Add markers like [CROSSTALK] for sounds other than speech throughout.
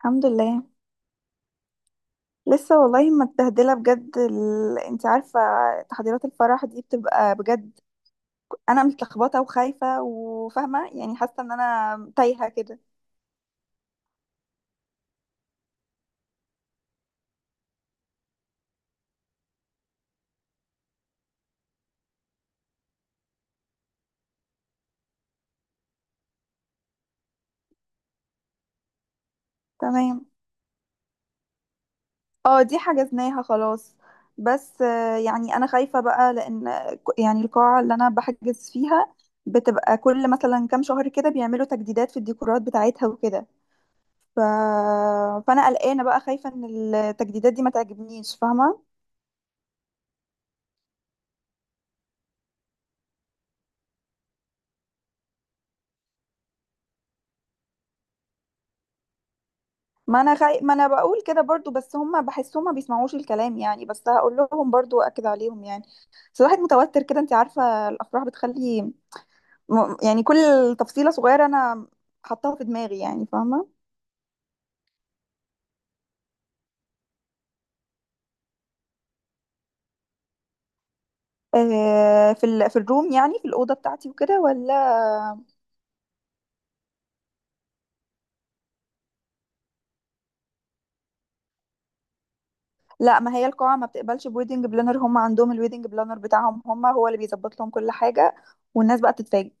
الحمد لله. لسه والله متبهدله بجد، انت عارفه. تحضيرات الفرح دي بتبقى بجد. انا متلخبطه وخايفه وفاهمه، يعني حاسه ان انا تايهه كده. تمام. اه، دي حجزناها خلاص. بس يعني انا خايفه بقى، لان يعني القاعه اللي انا بحجز فيها بتبقى كل مثلا كام شهر كده بيعملوا تجديدات في الديكورات بتاعتها وكده. ف... فانا قلقانه بقى، خايفه ان التجديدات دي ما تعجبنيش، فاهمه. ما انا بقول كده برضو، بس هم بحسهم ما بيسمعوش الكلام، يعني بس هقول لهم برضو واكد عليهم، يعني. بس الواحد متوتر كده، انت عارفة الافراح بتخلي، يعني كل تفصيلة صغيرة انا حطاها في دماغي، يعني فاهمة. آه، في الروم، يعني في الأوضة بتاعتي وكده، ولا؟ لا، ما هي القاعة ما بتقبلش بويدنج بلانر، هم عندهم الويدنج بلانر بتاعهم هم، هو اللي بيظبط لهم كل حاجة. والناس بقى تتفاجئ.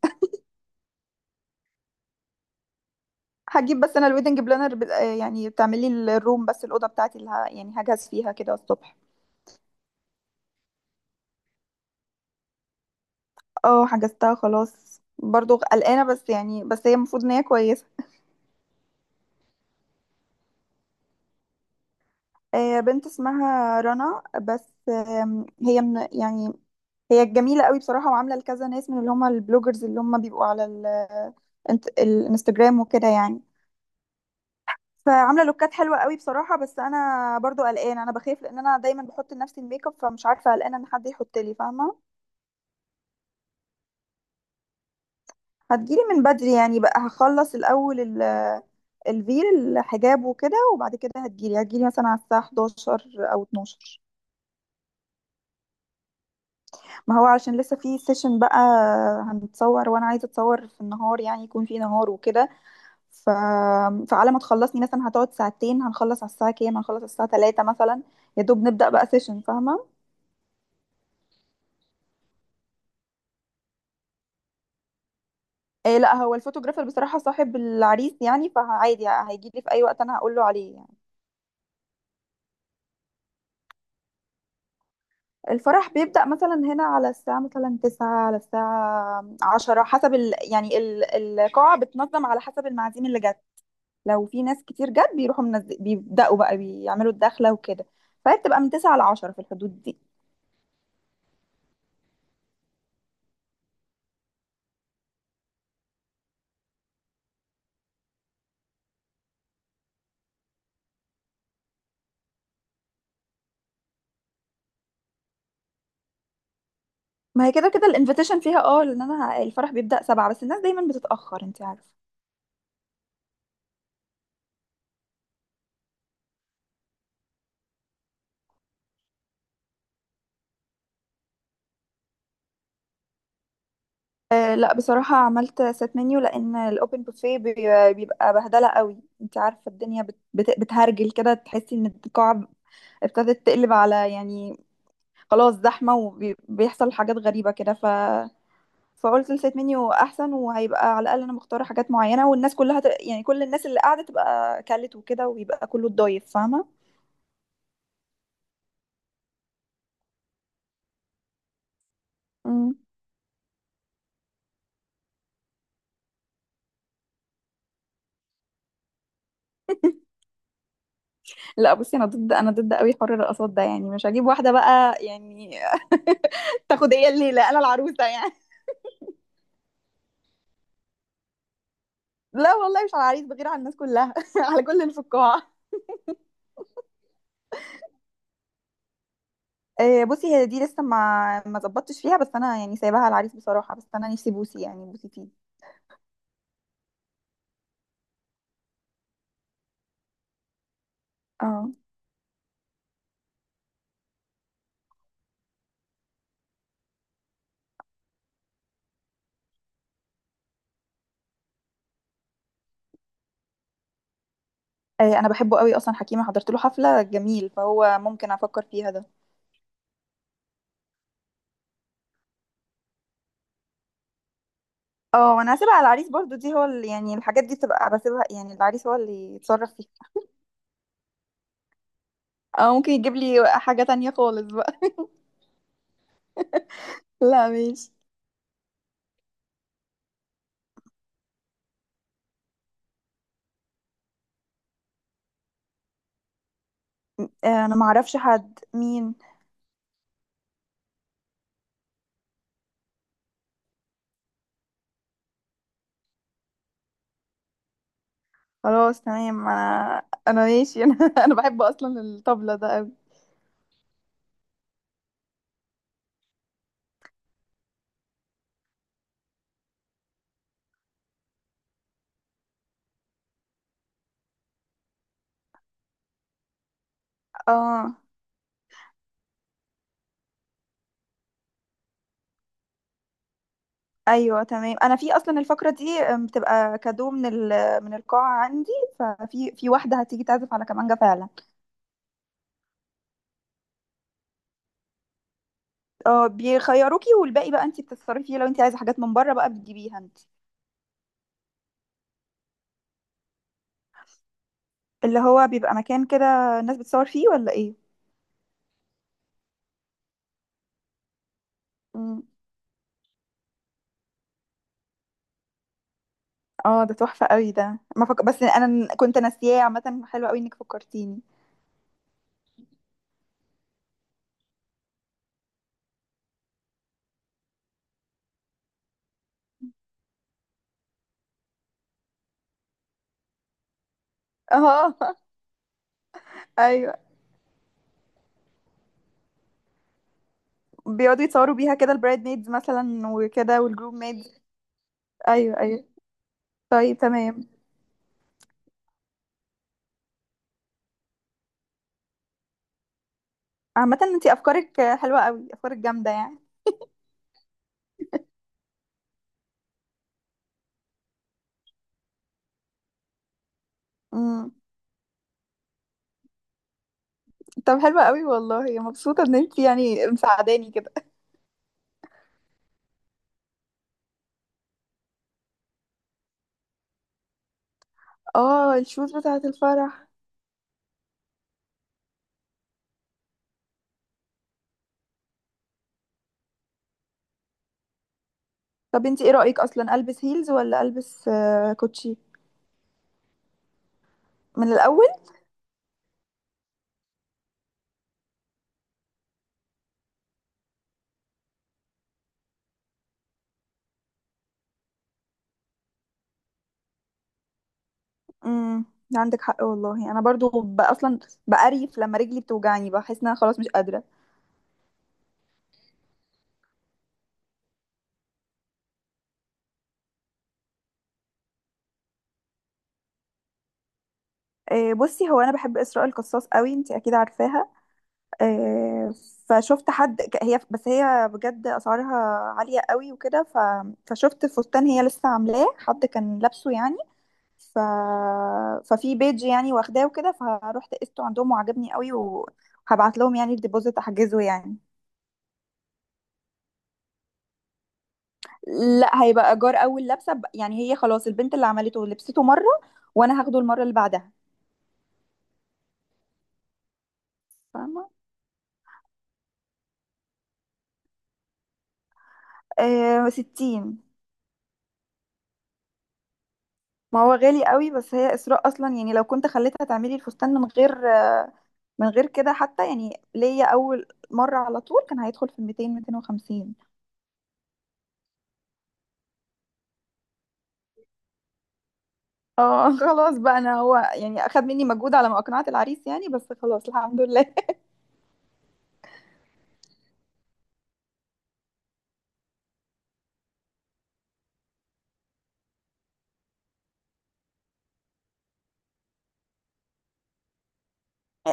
[LAUGHS] هجيب، بس انا الويدنج بلانر ب... آه، يعني بتعمل لي الروم، بس الأوضة بتاعتي اللي يعني هجهز فيها كده الصبح. اه حجزتها خلاص، برضو قلقانة، بس يعني بس هي المفروض ان هي كويسة. بنت اسمها رنا، بس هي من يعني، هي جميلة قوي بصراحة، وعاملة لكذا ناس من اللي هم البلوجرز اللي هم بيبقوا على الانستجرام وكده، يعني. فعاملة لوكات حلوة قوي بصراحة، بس انا برضو قلقانة، انا بخاف لان انا دايما بحط لنفسي الميك اب، فمش عارفة، قلقانة ان حد يحط لي، فاهمة. هتجيلي من بدري، يعني بقى هخلص الأول الفيل، الحجاب وكده، وبعد كده هتجيلي مثلا على الساعة 11 أو 12. ما هو علشان لسه في سيشن بقى. هنتصور، وأنا عايزة أتصور في النهار، يعني يكون في نهار وكده. ف... فعلى ما تخلصني مثلا هتقعد ساعتين، هنخلص على الساعة كام؟ هنخلص على الساعة 3 مثلا، يا دوب نبدأ بقى سيشن، فاهمة. إيه لا، هو الفوتوغرافر بصراحة صاحب العريس، يعني فعادي هيجيلي في أي وقت أنا هقوله عليه، يعني. الفرح بيبدأ مثلا هنا على الساعة مثلا 9، على الساعة 10، حسب القاعة بتنظم على حسب المعازيم اللي جت. لو في ناس كتير جت، بيبدأوا بقى بيعملوا الدخلة وكده. فهي بتبقى من 9 لـ 10 في الحدود دي. ما هي كده كده الانفيتيشن فيها اه، لان انا الفرح بيبدأ 7، بس الناس دايما بتتأخر، انت عارفة. آه لا، بصراحة عملت سيت منيو، لأن الأوبن بوفيه بيبقى بهدلة قوي انت عارفة، الدنيا بتهرجل كده، تحسي ان القاعة ابتدت تقلب على، يعني خلاص زحمة، وبيحصل حاجات غريبة كده. فقلت السيت منيو احسن، وهيبقى على الاقل انا مختاره حاجات معينه، والناس كلها يعني كل الناس اللي قاعده تبقى كلت وكده، ويبقى كله اتضايف، فاهمه. مم. لا بصي، انا ضد، انا ضد قوي حر الرقصات ده، يعني مش هجيب واحده بقى، يعني. [LAUGHS] تاخد هي الليله، انا العروسه يعني. لا والله، مش على العريس، بغير على الناس كلها [LAUGHS] على كل اللي في القاعه. بصي، هي دي لسه ما ظبطتش فيها، بس انا يعني سايباها على العريس بصراحه، بس انا نفسي بوسي يعني بوسي فيه. اه، انا بحبه قوي، اصلا حكيمه حضرت له حفله جميل، فهو ممكن افكر فيها ده. اه، وانا هسيبها على العريس برضو، دي هو اللي يعني، الحاجات دي بتبقى بسيبها، يعني العريس هو اللي يتصرف فيها. اه، ممكن يجيب لي حاجه تانية خالص بقى. [LAUGHS] لا ماشي. انا ما اعرفش حد، مين؟ خلاص تمام، انا ماشي [LAUGHS] انا بحب اصلا الطبلة ده قوي. اه ايوه تمام. انا في اصلا الفقره دي بتبقى كادو من القاعه عندي. ففي واحده هتيجي تعزف على كمانجه فعلا. اه، بيخيروكي، والباقي بقى انت بتتصرفي فيه، لو انت عايزه حاجات من بره بقى بتجيبيها انت. اللي هو بيبقى مكان كده الناس بتصور فيه، ولا ايه؟ مم. اه، ده تحفه قوي ده، ما فك... بس انا كنت ناسياه، عامه حلو قوي انك فكرتيني. اه [LAUGHS] ايوه، بيقعدوا يتصوروا بيها كده، البرايد ميدز مثلا وكده، والجروب ميدز. ايوه ايوه. طيب تمام. عامه انت افكارك حلوه قوي، افكارك جامده يعني. امم. طب حلوه قوي والله، مبسوطه ان انت يعني مساعداني كده. [LAUGHS] اه الشوز بتاعت الفرح. طب انت ايه رأيك اصلا، البس هيلز ولا البس كوتشي من الاول؟ امم. عندك حق والله، انا برضو اصلا بقريف لما رجلي بتوجعني، بحس ان انا خلاص مش قادره. بصي، هو انا بحب اسراء القصاص قوي، انت اكيد عارفاها. آه، فشفت حد هي، بس هي بجد اسعارها عاليه قوي وكده. فشفت فستان هي لسه عاملاه، حد كان لابسه يعني. ف... ففي بيج يعني واخداه وكده، فروحت قسته عندهم وعجبني قوي، وهبعت لهم يعني الديبوزيت احجزه يعني. لا، هيبقى ايجار اول لبسه، يعني هي خلاص البنت اللي عملته لبسته مره، وانا هاخده المره اللي بعدها، فاهمه. 60. ما هو غالي قوي، بس هي اسراء اصلا يعني، لو كنت خليتها تعملي الفستان من غير كده حتى، يعني ليا اول مره على طول كان هيدخل في 200 250. اه [LAUGHS] خلاص بقى، انا هو يعني اخد مني مجهود على ما اقنعت العريس يعني، بس خلاص الحمد لله.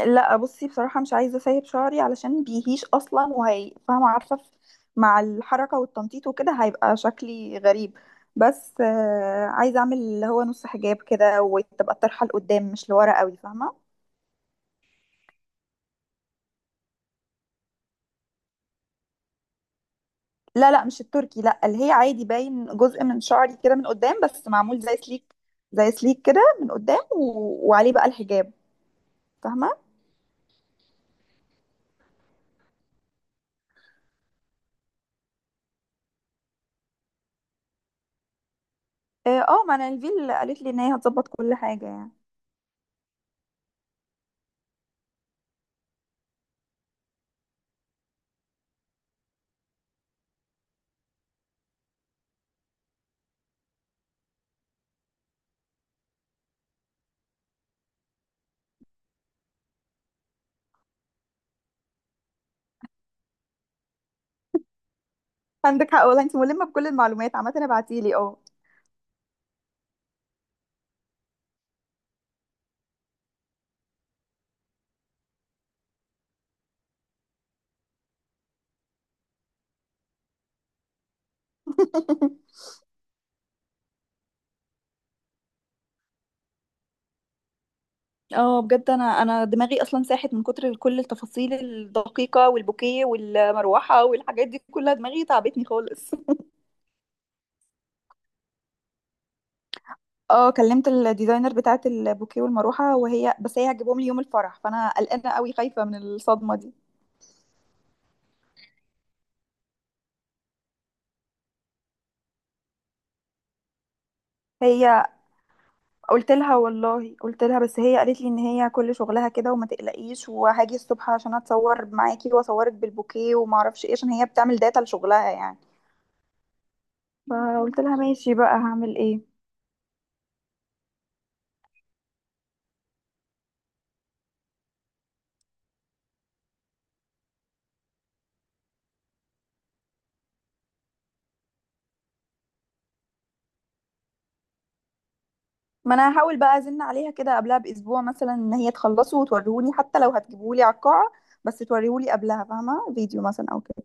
لا بصي، بصراحة مش عايزة اسيب شعري علشان بيهيش اصلا وهي فاهمة، عارفة. مع الحركة والتنطيط وكده هيبقى شكلي غريب. بس عايزة اعمل اللي هو نص حجاب كده، وتبقى الطرحة لقدام مش لورا قوي، فاهمة. لا لا، مش التركي، لا اللي هي عادي باين جزء من شعري كده من قدام، بس معمول زي سليك زي سليك كده من قدام، و... وعليه بقى الحجاب، فاهمة. اه، ما انا الفيل قالت لي ان هي هتظبط كل حاجة يعني. عندك حق والله، انت ملمة بكل المعلومات عامة، ابعتيلي اه. [LAUGHS] اه بجد، انا دماغي اصلا ساحت من كتر كل التفاصيل الدقيقه والبوكيه والمروحه والحاجات دي كلها، دماغي تعبتني خالص. [LAUGHS] اه، كلمت الديزاينر بتاعه البوكيه والمروحه، وهي بس هي هتجيبهم لي يوم الفرح، فانا قلقانه قوي، خايفه من الصدمه دي. هي قلت لها والله، قلت لها بس هي قالت لي ان هي كل شغلها كده وما تقلقيش، وهاجي الصبح عشان اتصور معاكي واصورك بالبوكيه وما اعرفش ايه، عشان هي بتعمل داتا لشغلها يعني. فقلت لها ماشي بقى، هعمل ايه. ما انا هحاول بقى ازن عليها كده قبلها باسبوع مثلا، ان هي تخلصه وتوريهولي حتى لو هتجيبهولي على القاعه، بس توريهولي قبلها، فاهمه، فيديو مثلا او كده.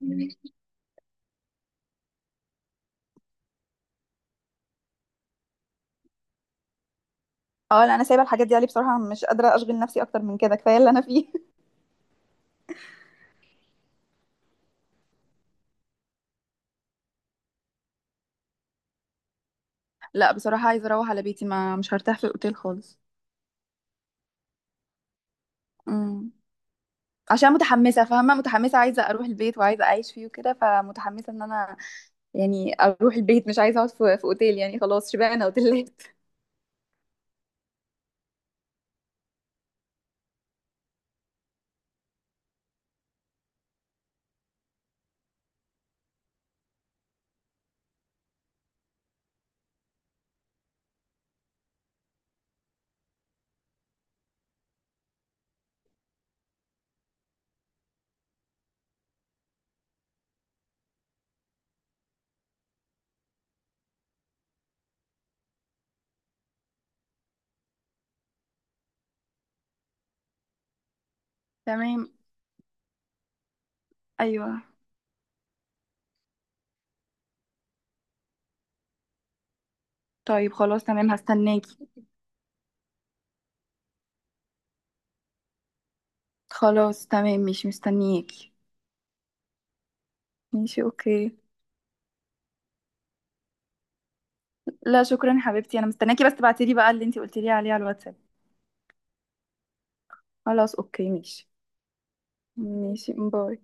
مم. اه لا، انا سايبه الحاجات دي علي بصراحه، مش قادره اشغل نفسي اكتر من كده، كفايه اللي انا فيه. [LAUGHS] لا بصراحه، عايزه اروح على بيتي، ما مش هرتاح في الاوتيل خالص. امم. عشان متحمسه فاهمه، متحمسه عايزه اروح البيت وعايزه اعيش فيه وكده، فمتحمسه ان انا يعني اروح البيت، مش عايزه اقعد في اوتيل يعني، خلاص شبعنا اوتيلات. تمام. ايوه. طيب خلاص تمام، هستناكي. خلاص تمام، مش مستنياكي. ماشي اوكي. لا شكرا حبيبتي، انا مستنياكي بس تبعتيلي بقى اللي انتي قلتيلي عليه على الواتساب. خلاص اوكي ماشي. ماشي باي.